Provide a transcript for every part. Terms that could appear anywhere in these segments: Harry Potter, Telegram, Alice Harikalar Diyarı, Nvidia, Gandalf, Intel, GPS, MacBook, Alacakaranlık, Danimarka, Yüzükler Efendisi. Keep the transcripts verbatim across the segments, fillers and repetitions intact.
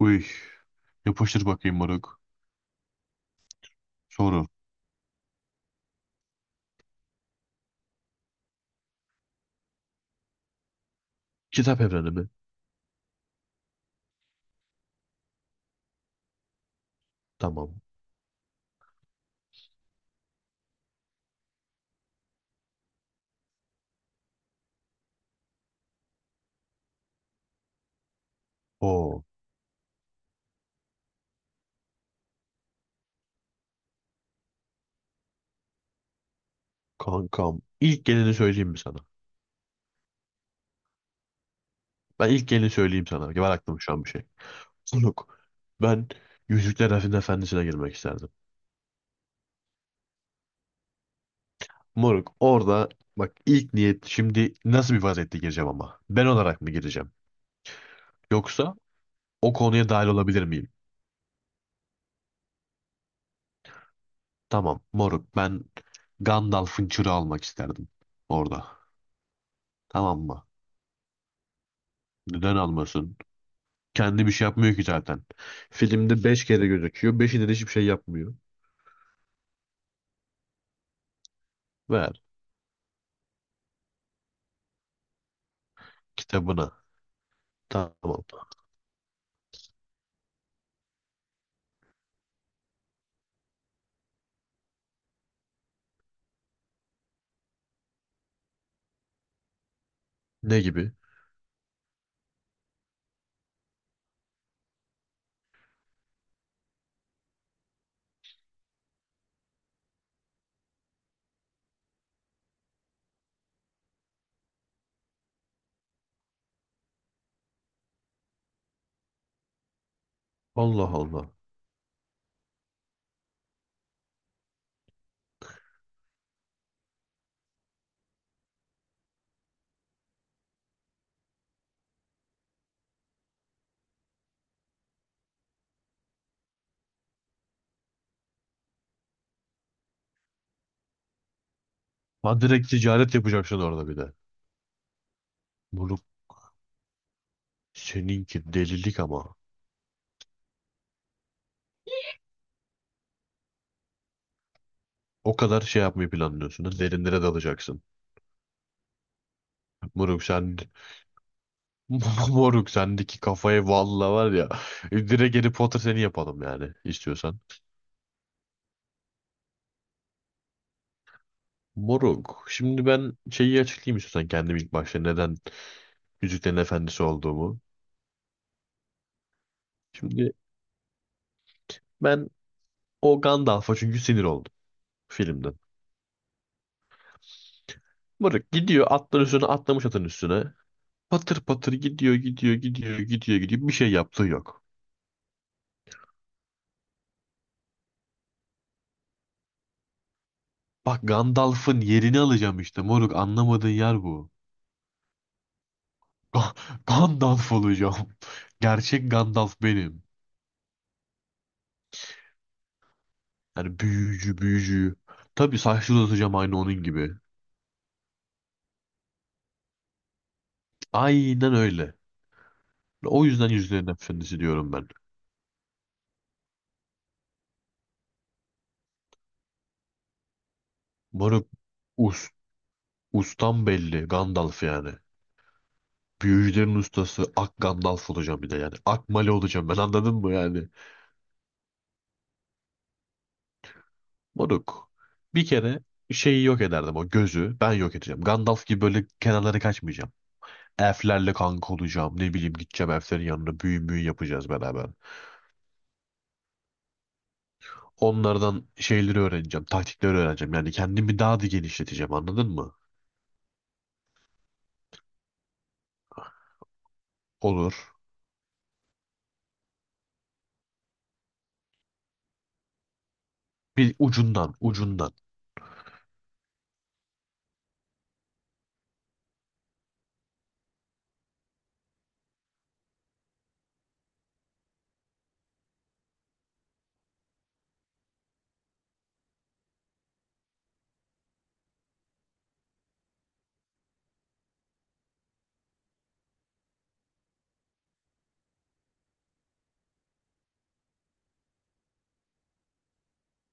Uy, yapıştır bakayım moruk. Soru. Kitap evreni mi? Tamam. Oo, kankam. İlk geleni söyleyeyim mi sana? Ben ilk geleni söyleyeyim sana. Var aklım şu an bir şey. Moruk, ben Yüzükler Efendisi'ne Efendisi'ne girmek isterdim. Moruk, orada bak ilk niyet şimdi nasıl bir vaziyette gireceğim ama? Ben olarak mı gireceğim? Yoksa o konuya dahil olabilir miyim? Tamam, moruk ben Gandalf'ın çırağı almak isterdim orada. Tamam mı? Neden almasın? Kendi bir şey yapmıyor ki zaten. Filmde beş kere gözüküyor. Beşinde de hiçbir şey yapmıyor. Ver kitabına. Tamam. Ne gibi? Allah Allah. Ha, direkt ticaret yapacaksın orada bir de. Bunu seninki delilik ama. O kadar şey yapmayı planlıyorsun da derinlere dalacaksın. Moruk sen... Moruk sendeki kafayı valla var ya. Direkt Harry Potter seni yapalım yani istiyorsan. Moruk. Şimdi ben şeyi açıklayayım istiyorsan kendim ilk başta neden Yüzüklerin Efendisi olduğumu. Şimdi ben o Gandalf'a çünkü sinir oldu filmden. Mırık gidiyor atların üstüne atlamış atın üstüne. Patır patır gidiyor gidiyor gidiyor gidiyor gidiyor, bir şey yaptığı yok. Bak Gandalf'ın yerini alacağım işte moruk, anlamadığın yer bu. Ga- Gandalf olacağım. Gerçek Gandalf benim. Yani büyücü büyücü. Tabii saçları uzatacağım aynı onun gibi. Aynen öyle. O yüzden Yüzüklerin Efendisi diyorum ben. Moruk, us, ustan belli Gandalf yani. Büyücülerin ustası Ak Gandalf olacağım bir de yani. Ak Mali olacağım ben, anladın mı yani? Moruk. Bir kere şeyi yok ederdim, o gözü ben yok edeceğim. Gandalf gibi böyle kenarlara kaçmayacağım. Elflerle kanka olacağım. Ne bileyim gideceğim elflerin yanına, büyü müyü yapacağız beraber. Onlardan şeyleri öğreneceğim. Taktikleri öğreneceğim. Yani kendimi daha da genişleteceğim, anladın mı? Olur. Bir ucundan ucundan.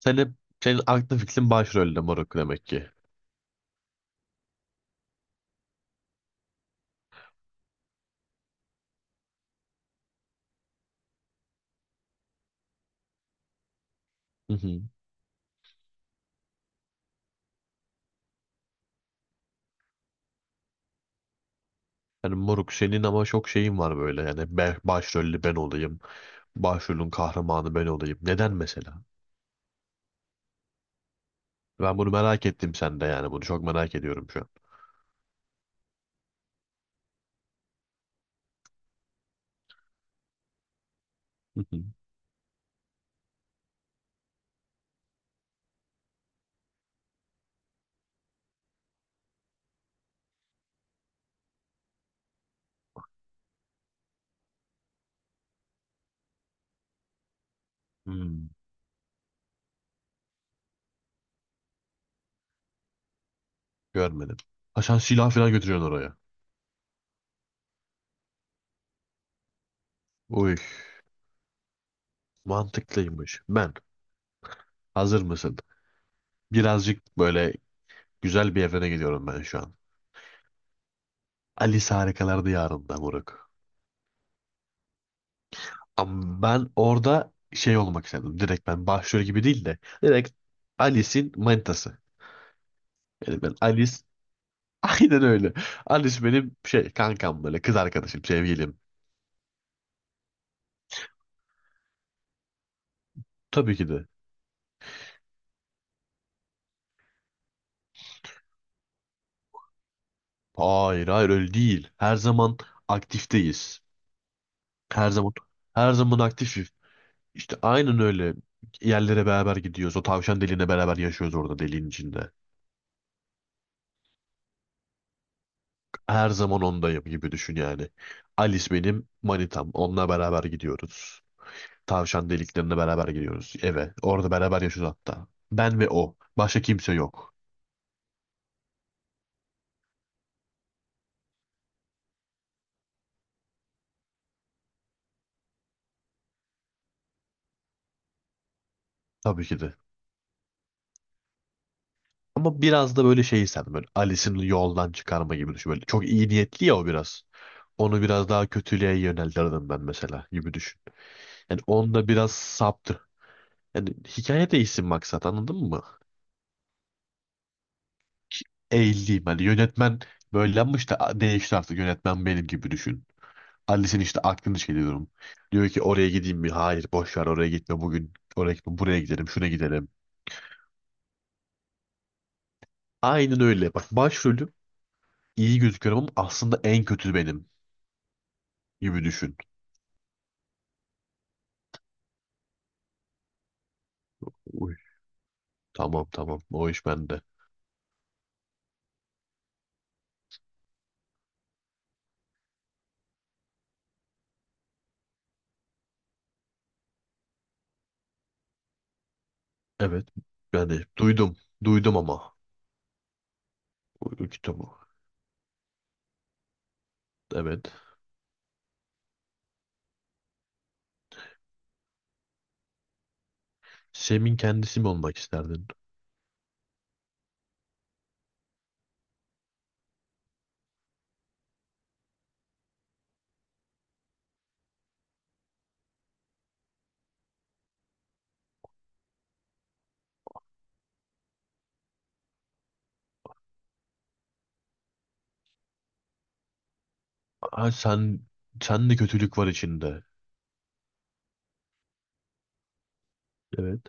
Sen hep, senin aklı fikrin başrolde moruk demek ki. Hı hı. Yani moruk senin ama çok şeyin var böyle. Yani ben, başrollü ben olayım. Başrolün kahramanı ben olayım. Neden mesela? Ben bunu merak ettim sende yani. Bunu çok merak ediyorum şu an. Hı hı. Hmm, görmedim. Ha, sen silah falan götürüyorsun oraya. Uy, mantıklıymış. Ben, hazır mısın? Birazcık böyle güzel bir evrene gidiyorum ben şu an. Alice Harikalar Diyarı'nda moruk. Ama ben orada şey olmak istedim. Direkt ben başrol gibi değil de. Direkt Alice'in manitası. Yani ben Alice. Aynen öyle. Annesi benim şey kankam, böyle kız arkadaşım, sevgilim. Tabii ki de. Hayır, hayır öyle değil. Her zaman aktifteyiz. Her zaman her zaman aktifiz. İşte aynen öyle. Yerlere beraber gidiyoruz. O tavşan deliğine beraber yaşıyoruz orada, deliğin içinde. Her zaman ondayım gibi düşün yani. Alice benim manitam. Onunla beraber gidiyoruz. Tavşan deliklerine beraber gidiyoruz eve. Orada beraber yaşıyoruz hatta. Ben ve o. Başka kimse yok. Tabii ki de. Ama biraz da böyle şey, sen böyle Alice'in yoldan çıkarma gibi düşün. Böyle çok iyi niyetli ya o biraz. Onu biraz daha kötülüğe yöneltirdim ben mesela gibi düşün. Yani onda biraz saptı. Yani hikaye değişsin maksat, anladın mı? Eğileyim. Hani yönetmen böylemiş de değişti artık, yönetmen benim gibi düşün. Alice'in işte aklını şey diyorum. Diyor ki oraya gideyim mi? Hayır, boş ver, oraya gitme bugün. Oraya gitme, buraya gidelim, şuna gidelim. Aynen öyle. Bak, başrolüm iyi gözüküyorum ama aslında en kötü benim gibi düşün. Tamam, tamam. O iş bende. Evet. Yani duydum. Duydum ama. O kitabı. Evet. Sem'in kendisi mi olmak isterdin? Ha, sen sen de kötülük var içinde. Evet.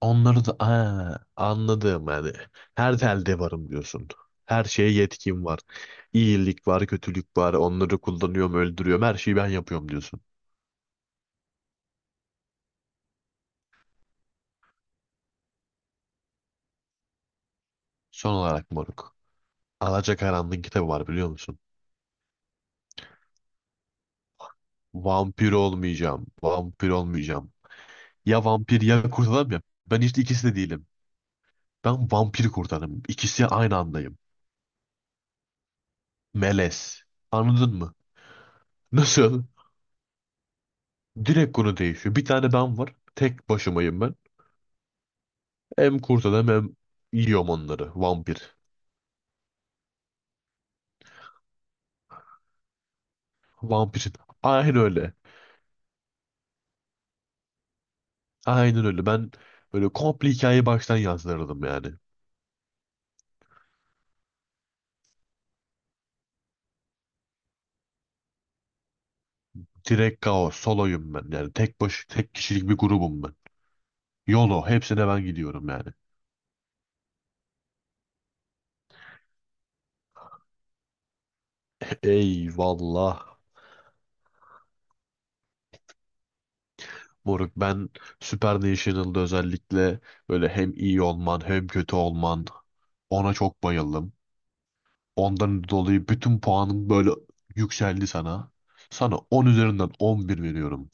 Onları da ha, anladım yani. Her telde varım diyorsun. Her şeye yetkim var. İyilik var, kötülük var. Onları kullanıyorum, öldürüyorum. Her şeyi ben yapıyorum diyorsun. Son olarak moruk. Alacakaranlığın kitabı var, biliyor musun? Vampir olmayacağım. Vampir olmayacağım. Ya vampir ya kurt adam ya. Ben işte ikisi de değilim. Ben vampir kurt adamım. İkisi aynı andayım. Melez. Anladın mı? Nasıl? Direkt konu değişiyor. Bir tane ben var. Tek başımayım ben. Hem kurt adam hem yiyorum onları. Vampir. Vampirin. Aynen öyle. Aynen öyle. Ben böyle komple hikayeyi baştan yazdırdım yani. Direkt kaos. Soloyum ben. Yani tek baş, tek kişilik bir grubum ben. YOLO. Hepsine ben gidiyorum yani. Eyvallah. Moruk ben Super National'da özellikle böyle hem iyi olman hem kötü olman, ona çok bayıldım. Ondan dolayı bütün puanım böyle yükseldi sana. Sana on üzerinden on bir veriyorum.